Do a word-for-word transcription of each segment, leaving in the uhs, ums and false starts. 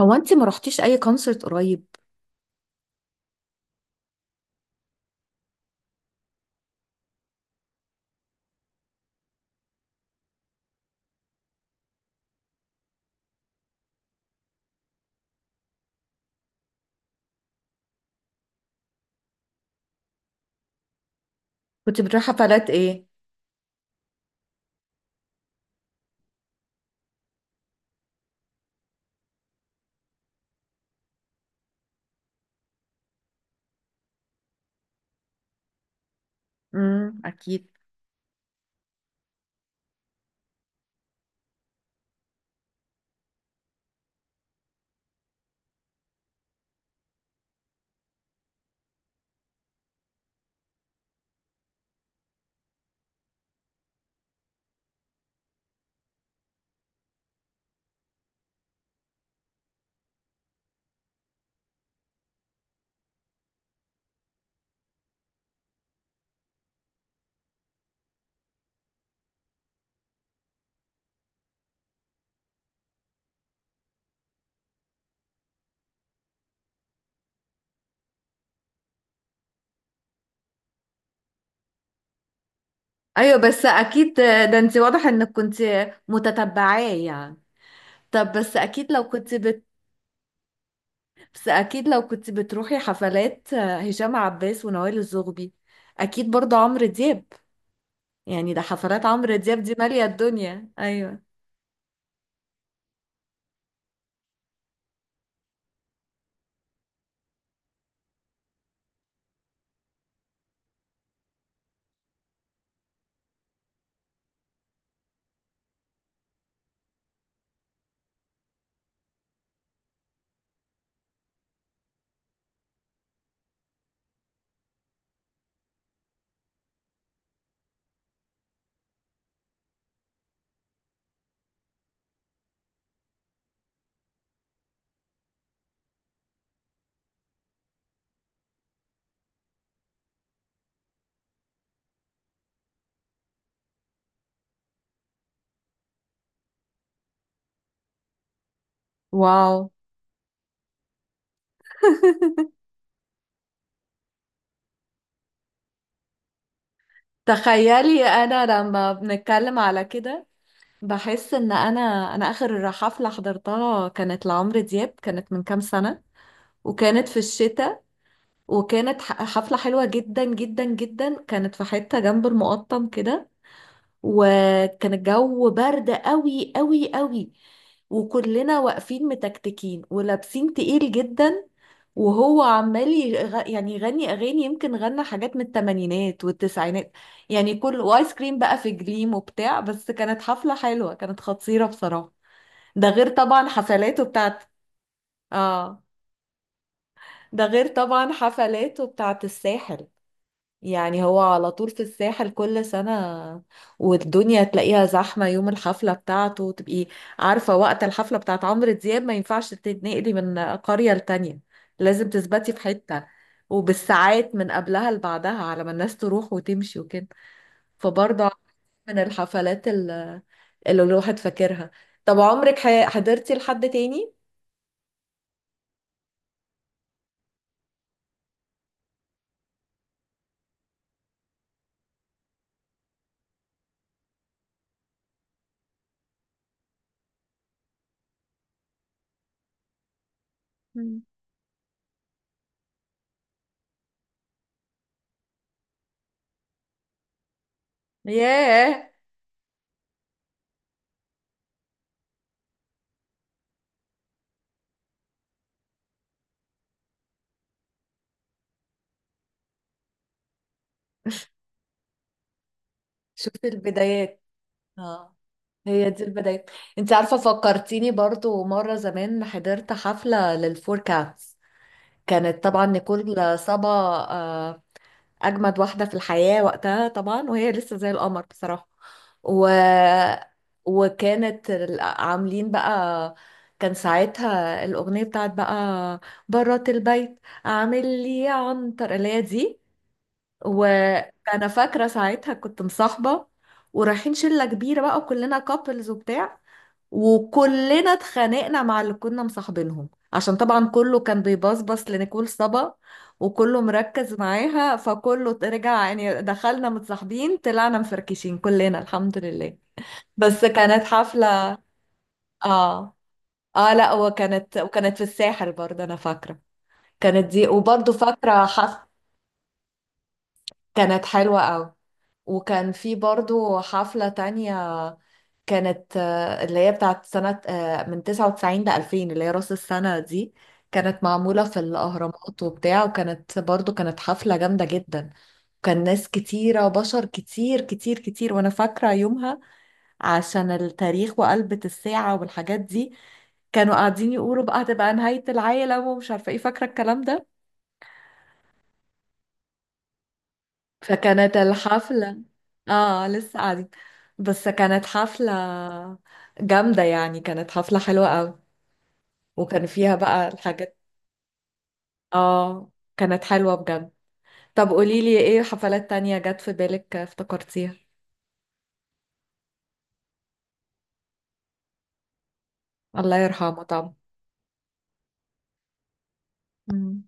هو انت ما رحتيش اي كونسرت قريب؟ كنت بتروحي حفلات ايه؟ امم اكيد. ايوه، بس اكيد، ده انت واضح انك كنت متتبعاه يعني. طب بس اكيد لو كنت بت... بس اكيد لو كنت بتروحي حفلات هشام عباس ونوال الزغبي، اكيد برضه عمرو دياب، يعني ده حفلات عمرو دياب دي مالية الدنيا. ايوه. واو. تخيلي، انا لما بنتكلم على كده بحس ان انا انا اخر حفلة حضرتها كانت لعمرو دياب، كانت من كام سنة. وكانت في الشتاء، وكانت ح- حفلة حلوة جدا جدا جدا، كانت في حتة جنب المقطم كده، وكان الجو برد قوي قوي قوي، وكلنا واقفين متكتكين ولابسين تقيل جدا، وهو عمال يغ... يعني يغني اغاني، يمكن غنى حاجات من الثمانينات والتسعينات، يعني كل وايس كريم بقى في جليم وبتاع، بس كانت حفلة حلوة، كانت خطيرة بصراحة. ده غير طبعا حفلاته بتاعت. اه. ده غير طبعا حفلاته بتاعت الساحل، يعني هو على طول في الساحل كل سنة، والدنيا تلاقيها زحمة يوم الحفلة بتاعته. تبقي عارفة وقت الحفلة بتاعت عمرو دياب ما ينفعش تتنقلي من قرية لتانية، لازم تثبتي في حتة وبالساعات من قبلها لبعدها على ما الناس تروح وتمشي وكده. فبرضه من الحفلات ال- اللي الواحد فاكرها. طب عمرك ح- حضرتي لحد تاني؟ مم. ياه. شوفي البدايات. اه. هي دي البداية. انت عارفة، فكرتيني برضو مرة زمان حضرت حفلة للفور كاتس، كانت طبعا نيكول صبا، آه، أجمد واحدة في الحياة وقتها طبعا، وهي لسه زي القمر بصراحة. و... وكانت ال- عاملين بقى، كان ساعتها الأغنية بتاعت بقى برات البيت، عامل لي عنتر اللي هي دي. وأنا فاكرة ساعتها كنت مصاحبة، ورايحين شلة كبيرة بقى وكلنا كابلز وبتاع، وكلنا اتخانقنا مع اللي كنا مصاحبينهم عشان طبعا كله كان بيبصبص لنيكول صبا وكله مركز معاها، فكله رجع يعني، دخلنا متصاحبين طلعنا مفركشين كلنا الحمد لله. بس كانت حفلة. اه، اه، لا، وكانت وكانت في الساحل برضه انا فاكرة. كانت دي، وبرضه فاكرة حف... كانت حلوة قوي. وكان في برضو حفلة تانية، كانت آه، اللي هي بتاعت سنة آه، من تسعة وتسعين ل ألفين، اللي هي رأس السنة دي، كانت معمولة في الأهرامات وبتاع، وكانت برضو كانت حفلة جامدة جدا. كان ناس كتيرة وبشر كتير كتير كتير، وأنا فاكرة يومها عشان التاريخ وقلبة الساعة والحاجات دي، كانوا قاعدين يقولوا بقى هتبقى نهاية العالم ومش عارفة ايه، فاكرة الكلام ده. فكانت الحفلة، اه لسه قاعدين، بس كانت حفلة جامدة، يعني كانت حفلة حلوة قوي. وكان فيها بقى الحاجات. اه، كانت حلوة بجد. طب قوليلي، ايه حفلات تانية جت في بالك افتكرتيها؟ الله يرحمه طبعا. مم.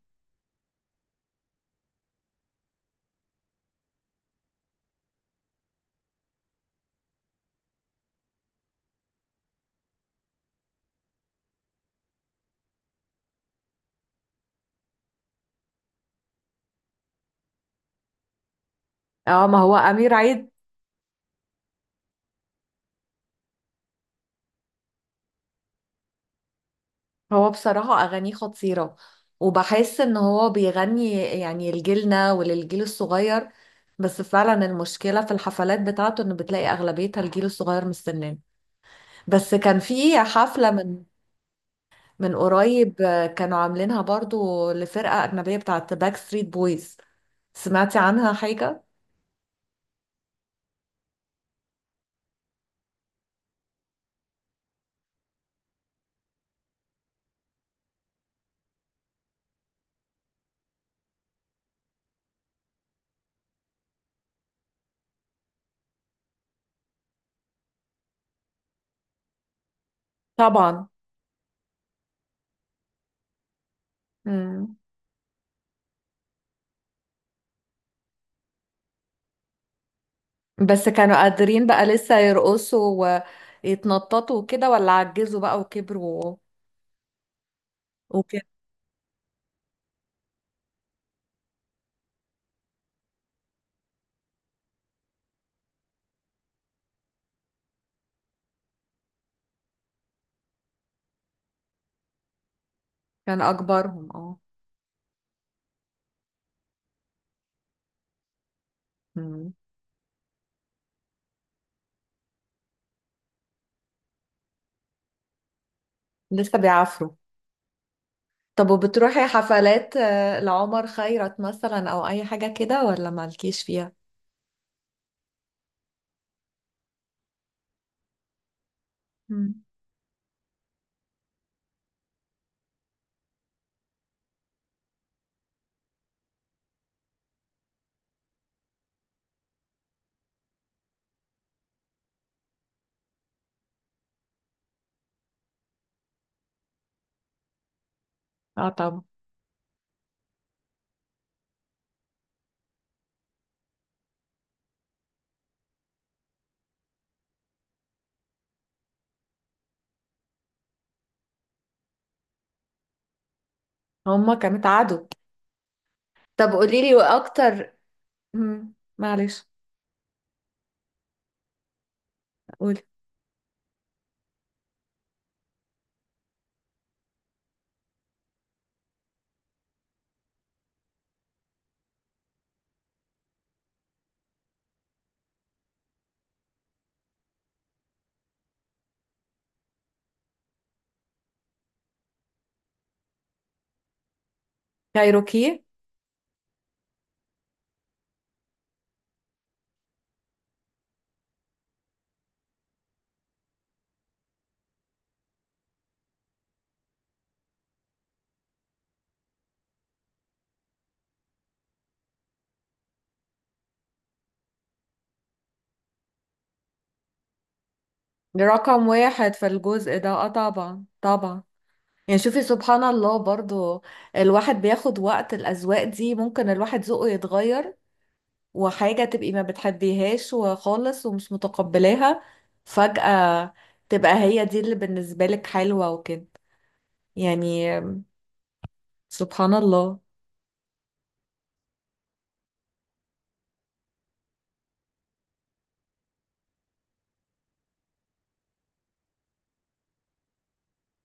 اه، ما هو أمير عيد، هو بصراحة أغانيه خطيرة، وبحس ان هو بيغني يعني لجيلنا وللجيل الصغير، بس فعلا المشكلة في الحفلات بتاعته ان بتلاقي أغلبيتها الجيل الصغير مستناه. بس كان في حفلة من من قريب، آه، كانوا عاملينها برضو لفرقة أجنبية بتاعت باك ستريت بويز، سمعتي عنها حاجة؟ طبعا. مم. بس كانوا قادرين بقى لسه يرقصوا ويتنططوا وكده، ولا عجزوا بقى وكبروا وكده؟ كان أكبرهم، اه. مم. لسه بيعافروا. طب وبتروحي حفلات آه، لعمر خيرت مثلا أو أي حاجة كده، ولا مالكيش فيها؟ مم. اه طبعا. هما كانوا اتعادوا. طب قوليلي وأكتر. مم. معلش. قولي. كايروكي رقم واحد في الجزء ده، اه طبعا، طبعا. يعني شوفي سبحان الله برضو، الواحد بياخد وقت، الأذواق دي ممكن الواحد ذوقه يتغير، وحاجة تبقي ما بتحبيهاش وخالص ومش متقبلاها، فجأة تبقى هي دي اللي بالنسبة لك حلوة وكده يعني. سبحان الله.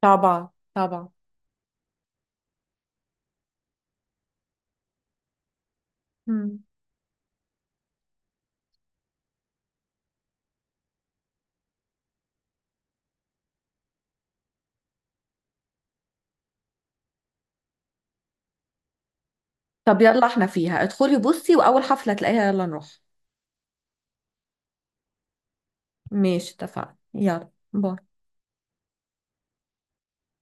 طبعا، طبعا. مم. طب يلا احنا فيها، ادخلي بصي وأول حفلة تلاقيها يلا نروح. ماشي اتفقنا، يلا باي.